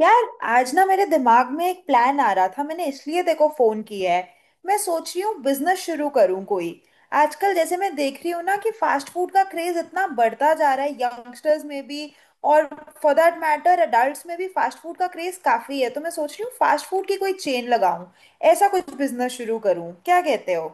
यार आज ना मेरे दिमाग में एक प्लान आ रहा था मैंने इसलिए देखो फोन किया है। मैं सोच रही हूँ बिजनेस शुरू करूँ कोई। आजकल जैसे मैं देख रही हूँ ना कि फास्ट फूड का क्रेज इतना बढ़ता जा रहा है यंगस्टर्स में भी, और फॉर दैट मैटर अडल्ट्स में भी फास्ट फूड का क्रेज काफी है, तो मैं सोच रही हूँ फास्ट फूड की कोई चेन लगाऊं, ऐसा कुछ बिजनेस शुरू करूँ, क्या कहते हो?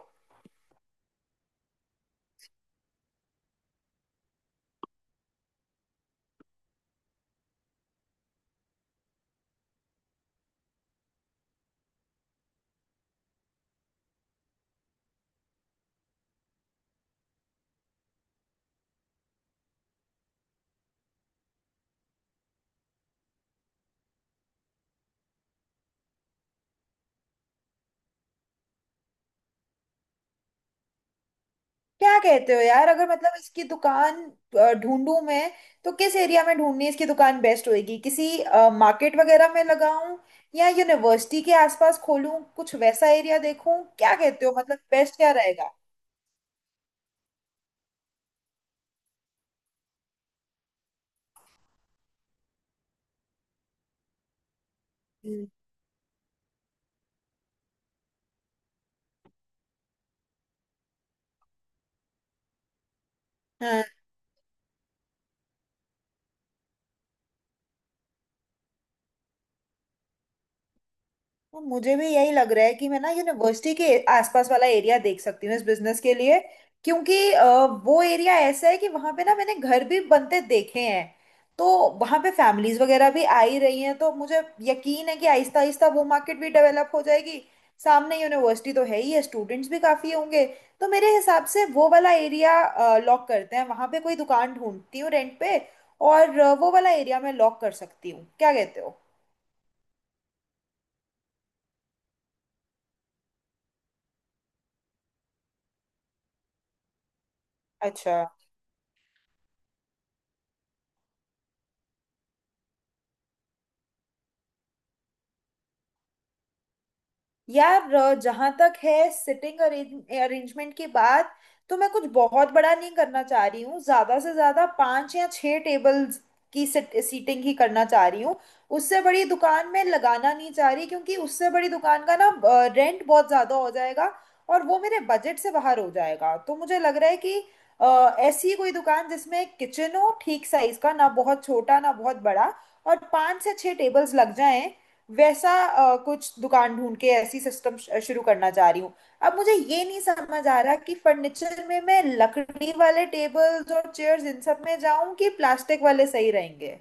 क्या कहते हो यार, अगर मतलब इसकी दुकान ढूंढूं मैं, तो किस एरिया में ढूंढनी इसकी दुकान बेस्ट होएगी? किसी मार्केट वगैरह में लगाऊं, या यूनिवर्सिटी के आसपास खोलूं, कुछ वैसा एरिया देखूं? क्या कहते हो, मतलब बेस्ट क्या रहेगा? हम्म। तो मुझे भी यही लग रहा है कि मैं ना यूनिवर्सिटी के आसपास वाला एरिया देख सकती हूँ इस बिजनेस के लिए, क्योंकि वो एरिया ऐसा है कि वहां पे ना मैंने घर भी बनते देखे हैं। तो वहां पे फैमिलीज वगैरह भी आ ही रही हैं, तो मुझे यकीन है कि आहिस्ता आहिस्ता वो मार्केट भी डेवलप हो जाएगी। सामने यूनिवर्सिटी तो है ही है, स्टूडेंट्स भी काफी होंगे। तो मेरे हिसाब से वो वाला एरिया लॉक करते हैं, वहां पे कोई दुकान ढूंढती हूँ रेंट पे। और वो वाला एरिया मैं लॉक कर सकती हूँ, क्या कहते हो? अच्छा। यार जहां तक है सिटिंग अरेंजमेंट की बात, तो मैं कुछ बहुत बड़ा नहीं करना चाह रही हूँ। ज्यादा से ज्यादा पांच या छह टेबल्स की सीटिंग ही करना चाह रही हूँ। उससे बड़ी दुकान में लगाना नहीं चाह रही, क्योंकि उससे बड़ी दुकान का ना रेंट बहुत ज्यादा हो जाएगा और वो मेरे बजट से बाहर हो जाएगा। तो मुझे लग रहा है कि ऐसी कोई दुकान जिसमें एक किचन हो ठीक साइज का, ना बहुत छोटा ना बहुत बड़ा, और पांच से छह टेबल्स लग जाएं, वैसा कुछ दुकान ढूंढ के ऐसी सिस्टम शुरू करना चाह रही हूँ। अब मुझे ये नहीं समझ आ रहा कि फर्नीचर में मैं लकड़ी वाले टेबल्स और चेयर्स इन सब में जाऊं कि प्लास्टिक वाले सही रहेंगे।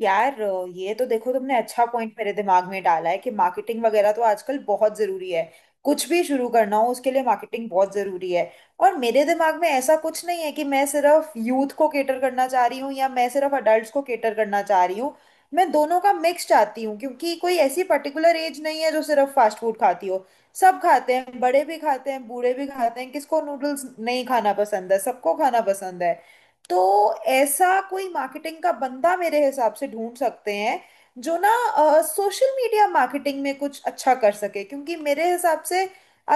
यार ये तो देखो तुमने अच्छा पॉइंट मेरे दिमाग में डाला है कि मार्केटिंग वगैरह तो आजकल बहुत जरूरी है। कुछ भी शुरू करना हो, उसके लिए मार्केटिंग बहुत जरूरी है। और मेरे दिमाग में ऐसा कुछ नहीं है कि मैं सिर्फ यूथ को केटर करना चाह रही हूँ, या मैं सिर्फ अडल्ट को केटर करना चाह रही हूँ। मैं दोनों का मिक्स चाहती हूँ, क्योंकि कोई ऐसी पर्टिकुलर एज नहीं है जो सिर्फ फास्ट फूड खाती हो। सब खाते हैं, बड़े भी खाते हैं, बूढ़े भी खाते हैं, किसको नूडल्स नहीं खाना पसंद है, सबको खाना पसंद है। तो ऐसा कोई मार्केटिंग का बंदा मेरे हिसाब से ढूंढ सकते हैं जो ना सोशल मीडिया मार्केटिंग में कुछ अच्छा कर सके, क्योंकि मेरे हिसाब से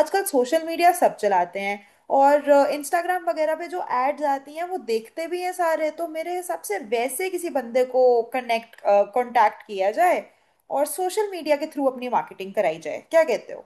आजकल सोशल मीडिया सब चलाते हैं, और इंस्टाग्राम वगैरह पे जो एड्स आती हैं वो देखते भी हैं सारे। तो मेरे हिसाब से वैसे किसी बंदे को कनेक्ट कांटेक्ट किया जाए और सोशल मीडिया के थ्रू अपनी मार्केटिंग कराई जाए, क्या कहते हो?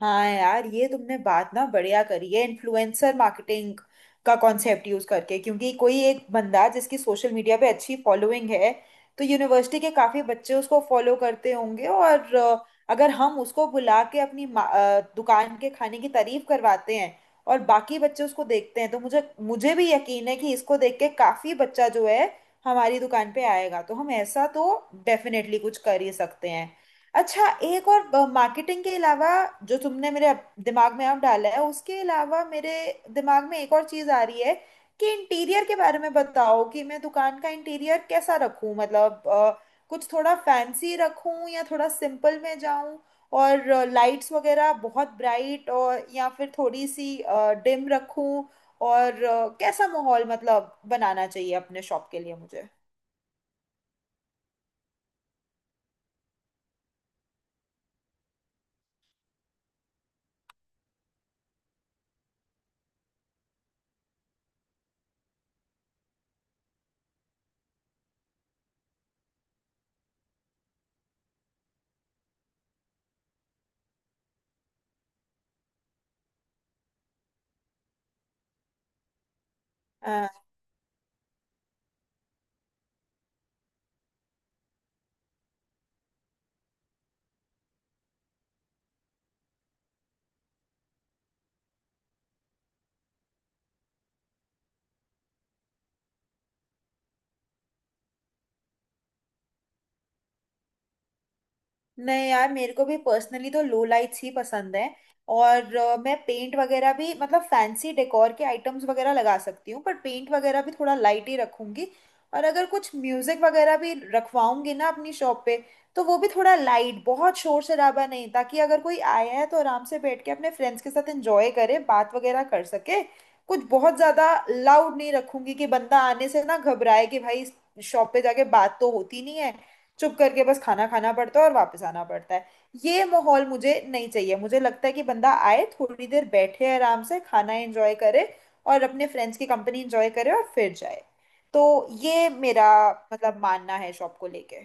हाँ यार, ये तुमने बात ना बढ़िया करी है, इन्फ्लुएंसर मार्केटिंग का कॉन्सेप्ट यूज करके, क्योंकि कोई एक बंदा जिसकी सोशल मीडिया पे अच्छी फॉलोइंग है, तो यूनिवर्सिटी के काफी बच्चे उसको फॉलो करते होंगे। और अगर हम उसको बुला के अपनी दुकान के खाने की तारीफ करवाते हैं और बाकी बच्चे उसको देखते हैं, तो मुझे मुझे भी यकीन है कि इसको देख के काफी बच्चा जो है हमारी दुकान पे आएगा। तो हम ऐसा तो डेफिनेटली कुछ कर ही सकते हैं। अच्छा, एक और मार्केटिंग के अलावा जो तुमने दिमाग में अब डाला है, उसके अलावा मेरे दिमाग में एक और चीज आ रही है, कि इंटीरियर के बारे में बताओ कि मैं दुकान का इंटीरियर कैसा रखूं? मतलब कुछ थोड़ा फैंसी रखूं या थोड़ा सिंपल में जाऊं, और लाइट्स वगैरह बहुत ब्राइट और या फिर थोड़ी सी डिम रखूं, और कैसा माहौल मतलब बनाना चाहिए अपने शॉप के लिए मुझे? नहीं यार, मेरे को भी पर्सनली तो लो लाइट्स ही पसंद है। और मैं पेंट वगैरह भी, मतलब फैंसी डेकोर के आइटम्स वगैरह लगा सकती हूँ, पर पेंट वगैरह भी थोड़ा लाइट ही रखूंगी। और अगर कुछ म्यूजिक वगैरह भी रखवाऊंगी ना अपनी शॉप पे, तो वो भी थोड़ा लाइट, बहुत शोर शराबा नहीं, ताकि अगर कोई आया है तो आराम से बैठ के अपने फ्रेंड्स के साथ एंजॉय करे, बात वगैरह कर सके। कुछ बहुत ज्यादा लाउड नहीं रखूंगी कि बंदा आने से ना घबराए कि भाई शॉप पे जाके बात तो होती नहीं है, चुप करके बस खाना खाना पड़ता है और वापस आना पड़ता है। ये माहौल मुझे नहीं चाहिए। मुझे लगता है कि बंदा आए, थोड़ी देर बैठे, आराम से खाना एंजॉय करे और अपने फ्रेंड्स की कंपनी एंजॉय करे, और फिर जाए। तो ये मेरा मतलब मानना है शॉप को लेके।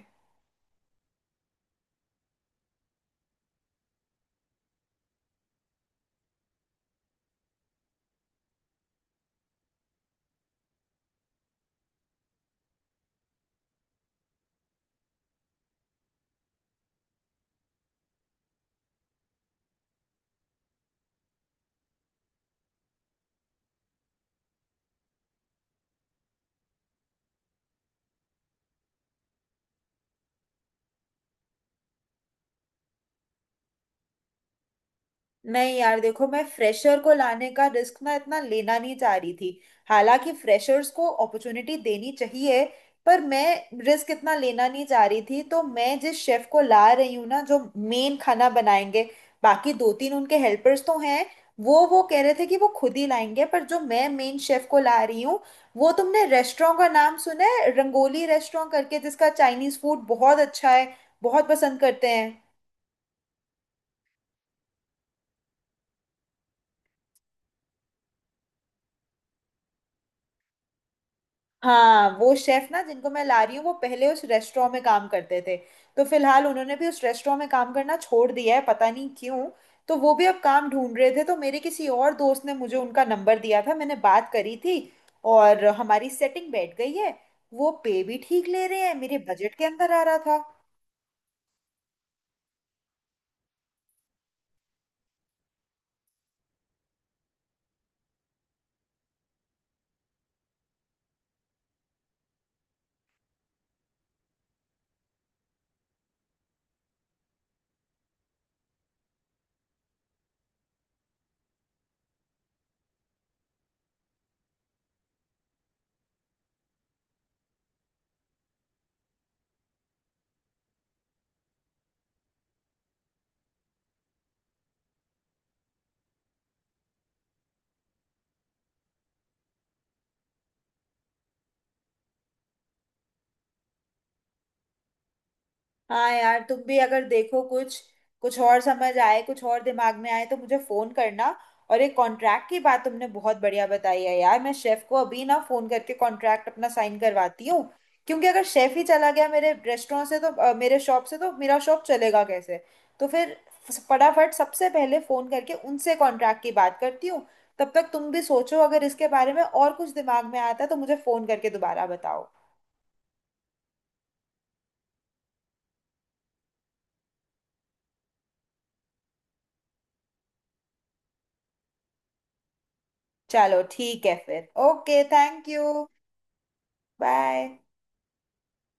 नहीं यार देखो, मैं फ्रेशर को लाने का रिस्क ना इतना लेना नहीं चाह रही थी। हालांकि फ्रेशर्स को अपॉर्चुनिटी देनी चाहिए, पर मैं रिस्क इतना लेना नहीं चाह रही थी। तो मैं जिस शेफ को ला रही हूँ ना, जो मेन खाना बनाएंगे, बाकी दो तीन उनके हेल्पर्स तो हैं, वो कह रहे थे कि वो खुद ही लाएंगे। पर जो मैं मेन शेफ को ला रही हूँ, वो, तुमने रेस्टोरेंट का नाम सुना है रंगोली रेस्टोरेंट करके जिसका चाइनीज फूड बहुत अच्छा है, बहुत पसंद करते हैं। हाँ, वो शेफ ना, जिनको मैं ला रही हूँ, वो पहले उस रेस्टोरेंट में काम करते थे। तो फिलहाल उन्होंने भी उस रेस्टोरेंट में काम करना छोड़ दिया है, पता नहीं क्यों। तो वो भी अब काम ढूंढ रहे थे, तो मेरे किसी और दोस्त ने मुझे उनका नंबर दिया था, मैंने बात करी थी और हमारी सेटिंग बैठ गई है। वो पे भी ठीक ले रहे हैं, मेरे बजट के अंदर आ रहा था। हाँ यार, तुम भी अगर देखो कुछ कुछ और समझ आए, कुछ और दिमाग में आए, तो मुझे फोन करना। और ये कॉन्ट्रैक्ट की बात तुमने बहुत बढ़िया बताई है यार, मैं शेफ को अभी ना फोन करके कॉन्ट्रैक्ट अपना साइन करवाती हूँ, क्योंकि अगर शेफ ही चला गया मेरे रेस्टोरेंट से, तो मेरे शॉप से, तो मेरा शॉप चलेगा कैसे? तो फिर फटाफट सबसे पहले फोन करके उनसे कॉन्ट्रैक्ट की बात करती हूँ। तब तक तुम भी सोचो, अगर इसके बारे में और कुछ दिमाग में आता है तो मुझे फोन करके दोबारा बताओ। चलो ठीक है फिर, ओके, थैंक यू। बाय।